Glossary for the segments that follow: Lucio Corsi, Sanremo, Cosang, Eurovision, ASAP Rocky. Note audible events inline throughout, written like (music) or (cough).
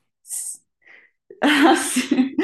(laughs) S- Ah, sì.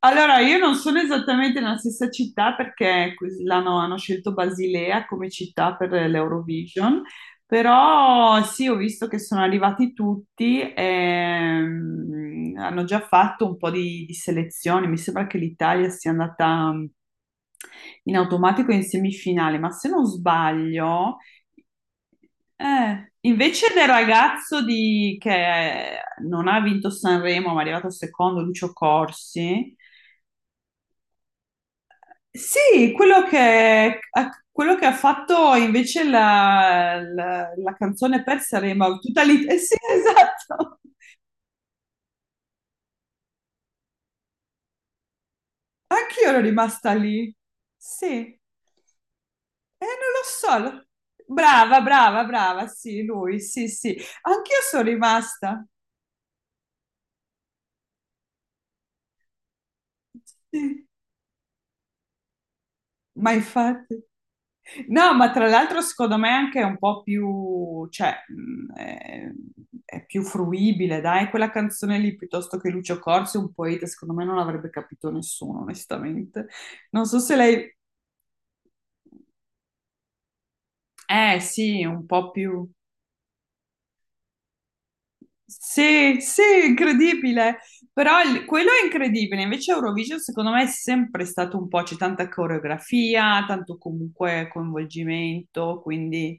Allora, io non sono esattamente nella stessa città perché hanno scelto Basilea come città per l'Eurovision, però sì, ho visto che sono arrivati tutti e hanno già fatto un po' di selezioni. Mi sembra che l'Italia sia andata in automatico in semifinale, ma se non sbaglio. Invece del che non ha vinto Sanremo, ma è arrivato secondo, Lucio Corsi, sì, quello quello che ha fatto invece la canzone per Sanremo, tutta lì, eh sì, (laughs) esatto, anch'io ero rimasta lì, sì, non lo so, brava, brava, brava, sì, lui, sì, sì, anch'io sono rimasta, sì, ma infatti... No, ma tra l'altro secondo me anche è un po' più, cioè, è più fruibile, dai, quella canzone lì piuttosto che Lucio Corsi, un poeta, secondo me non l'avrebbe capito nessuno, onestamente. Non so se lei... Eh sì, un po' più... Sì, sì, incredibile, però quello è incredibile, invece Eurovision secondo me è sempre stato un po', c'è tanta coreografia, tanto comunque coinvolgimento, quindi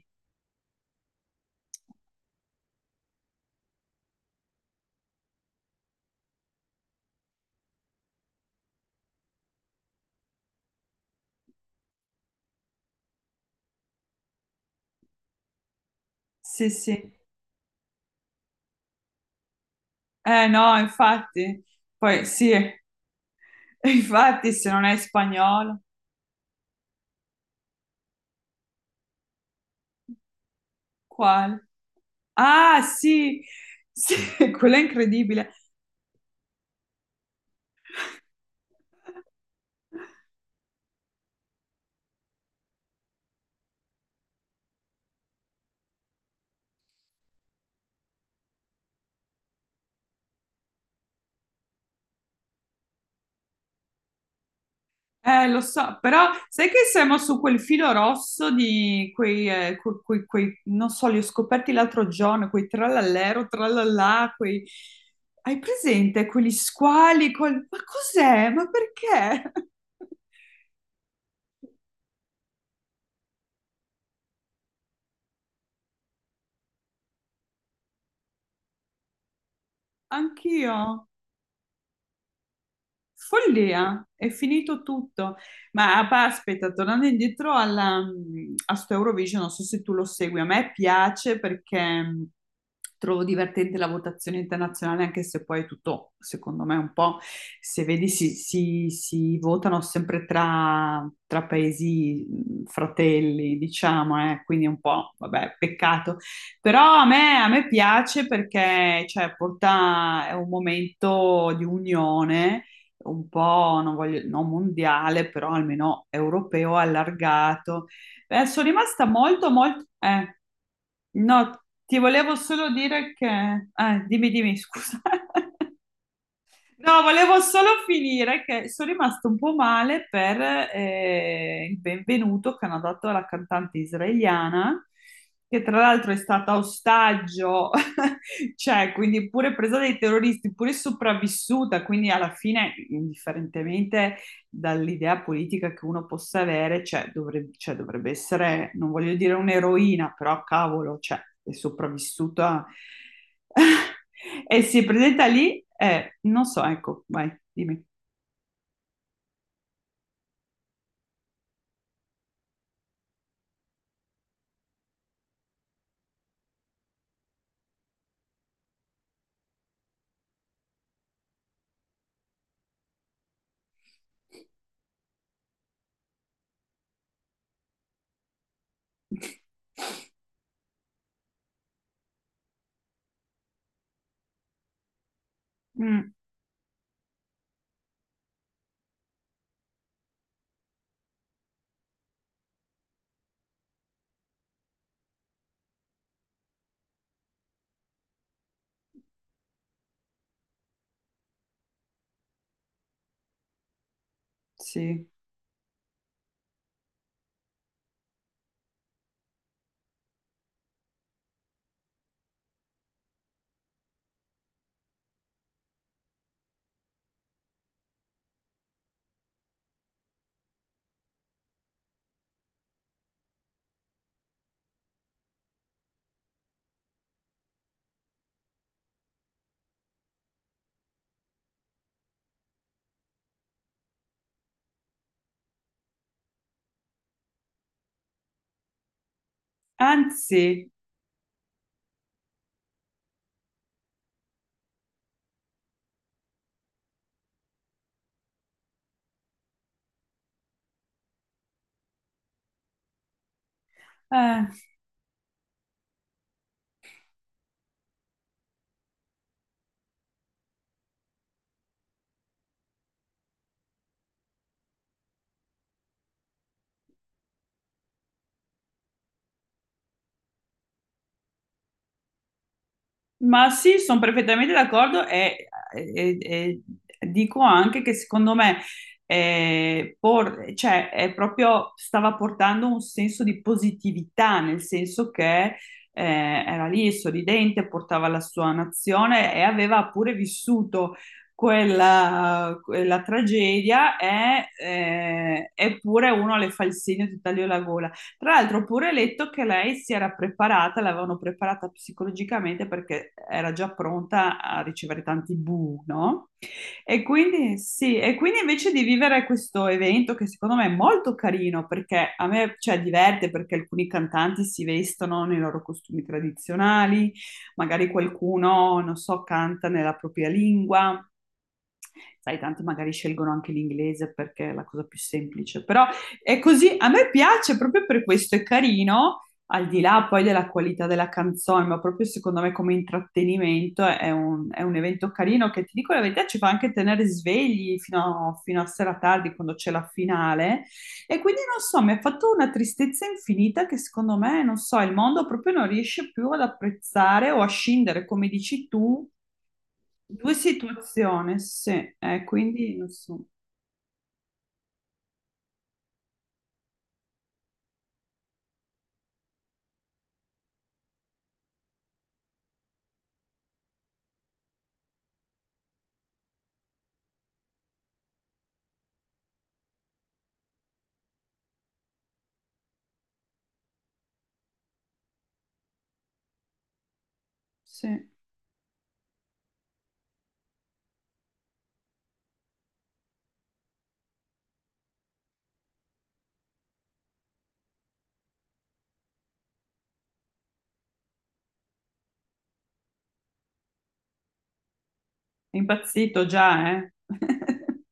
sì, sì. Eh no, infatti, poi sì. (laughs) Infatti, se non è spagnolo, quale? Ah, sì, sì, (laughs) quello è incredibile. (laughs) Lo so, però sai che siamo su quel filo rosso di quei, non so, li ho scoperti l'altro giorno, quei trallallero, trallallà, quei... Hai presente quegli squali col... Ma cos'è? Ma perché? (laughs) Anch'io. Follia, è finito tutto. Ma ah, aspetta, tornando indietro alla, a sto Eurovision, non so se tu lo segui, a me piace perché trovo divertente la votazione internazionale, anche se poi è tutto, secondo me, un po', se vedi, si, si votano sempre tra, tra paesi fratelli, diciamo, quindi è un po', vabbè, peccato. Però a me piace perché, cioè, porta, è un momento di unione un po', non voglio, no, mondiale, però almeno europeo allargato. Sono rimasta molto, molto... no, ti volevo solo dire che... dimmi, dimmi, scusa. (laughs) No, volevo solo finire che sono rimasto un po' male per il benvenuto che hanno dato alla cantante israeliana, che tra l'altro è stata ostaggio, (laughs) cioè quindi pure presa dai terroristi, pure sopravvissuta, quindi alla fine, indifferentemente dall'idea politica che uno possa avere, cioè, dovrebbe essere, non voglio dire un'eroina, però cavolo, cioè, è sopravvissuta. (laughs) E si presenta lì e non so, ecco, vai, dimmi. (laughs) Mm, sì. Anzi, eh, ma sì, sono perfettamente d'accordo e, e dico anche che secondo me cioè, è proprio stava portando un senso di positività, nel senso che era lì sorridente, portava la sua nazione e aveva pure vissuto quella, quella tragedia e, eppure uno le fa il segno e ti taglio la gola. Tra l'altro ho pure letto che lei si era preparata, l'avevano preparata psicologicamente perché era già pronta a ricevere tanti bu, no? E quindi sì, e quindi invece di vivere questo evento che secondo me è molto carino perché a me cioè, diverte perché alcuni cantanti si vestono nei loro costumi tradizionali, magari qualcuno, non so, canta nella propria lingua, sai, tanti magari scelgono anche l'inglese perché è la cosa più semplice, però è così, a me piace proprio per questo, è carino, al di là poi della qualità della canzone, ma proprio secondo me come intrattenimento è un evento carino che ti dico la verità ci fa anche tenere svegli fino a, fino a sera tardi quando c'è la finale e quindi non so, mi ha fatto una tristezza infinita che secondo me, non so, il mondo proprio non riesce più ad apprezzare o a scindere, come dici tu, due situazioni, sì, quindi non so, sì, è impazzito già, eh. (laughs)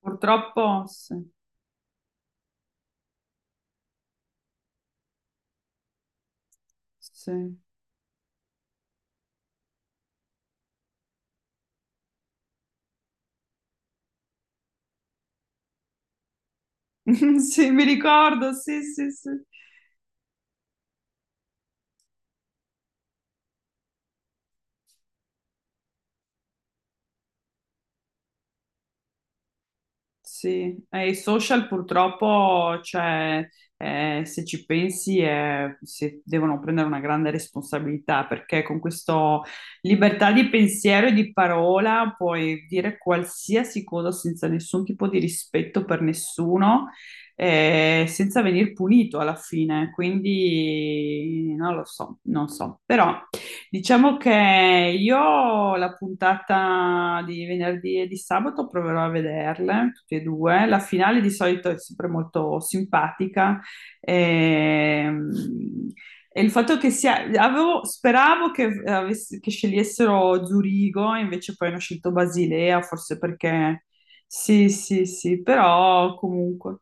Purtroppo, sì, sì. (laughs) Sì, mi ricordo, sì, sì, sì. Sì, e i social purtroppo, cioè, se ci pensi, si devono prendere una grande responsabilità perché con questa libertà di pensiero e di parola puoi dire qualsiasi cosa senza nessun tipo di rispetto per nessuno, senza venir punito alla fine. Quindi non lo so, non so, però. Diciamo che io la puntata di venerdì e di sabato proverò a vederle, tutte e due. La finale di solito è sempre molto simpatica. Ehm, e, il fatto che sia... speravo che, che scegliessero Zurigo, invece poi hanno scelto Basilea, forse perché... Sì, sì, sì, però comunque...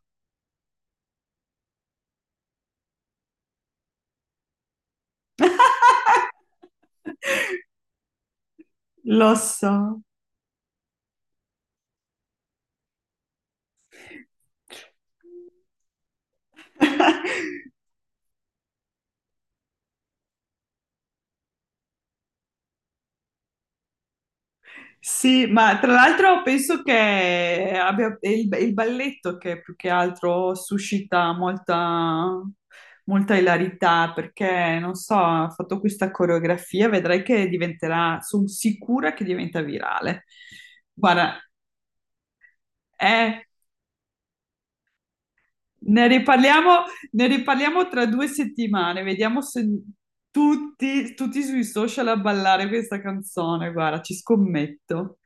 (laughs) Lo so. Sì, ma tra l'altro penso che è il balletto che più che altro suscita molta, molta ilarità, perché non so, ha fatto questa coreografia, vedrai che diventerà, sono sicura che diventa virale. Guarda, eh, ne riparliamo, ne riparliamo tra 2 settimane, vediamo se tutti, tutti sui social a ballare questa canzone. Guarda, ci scommetto.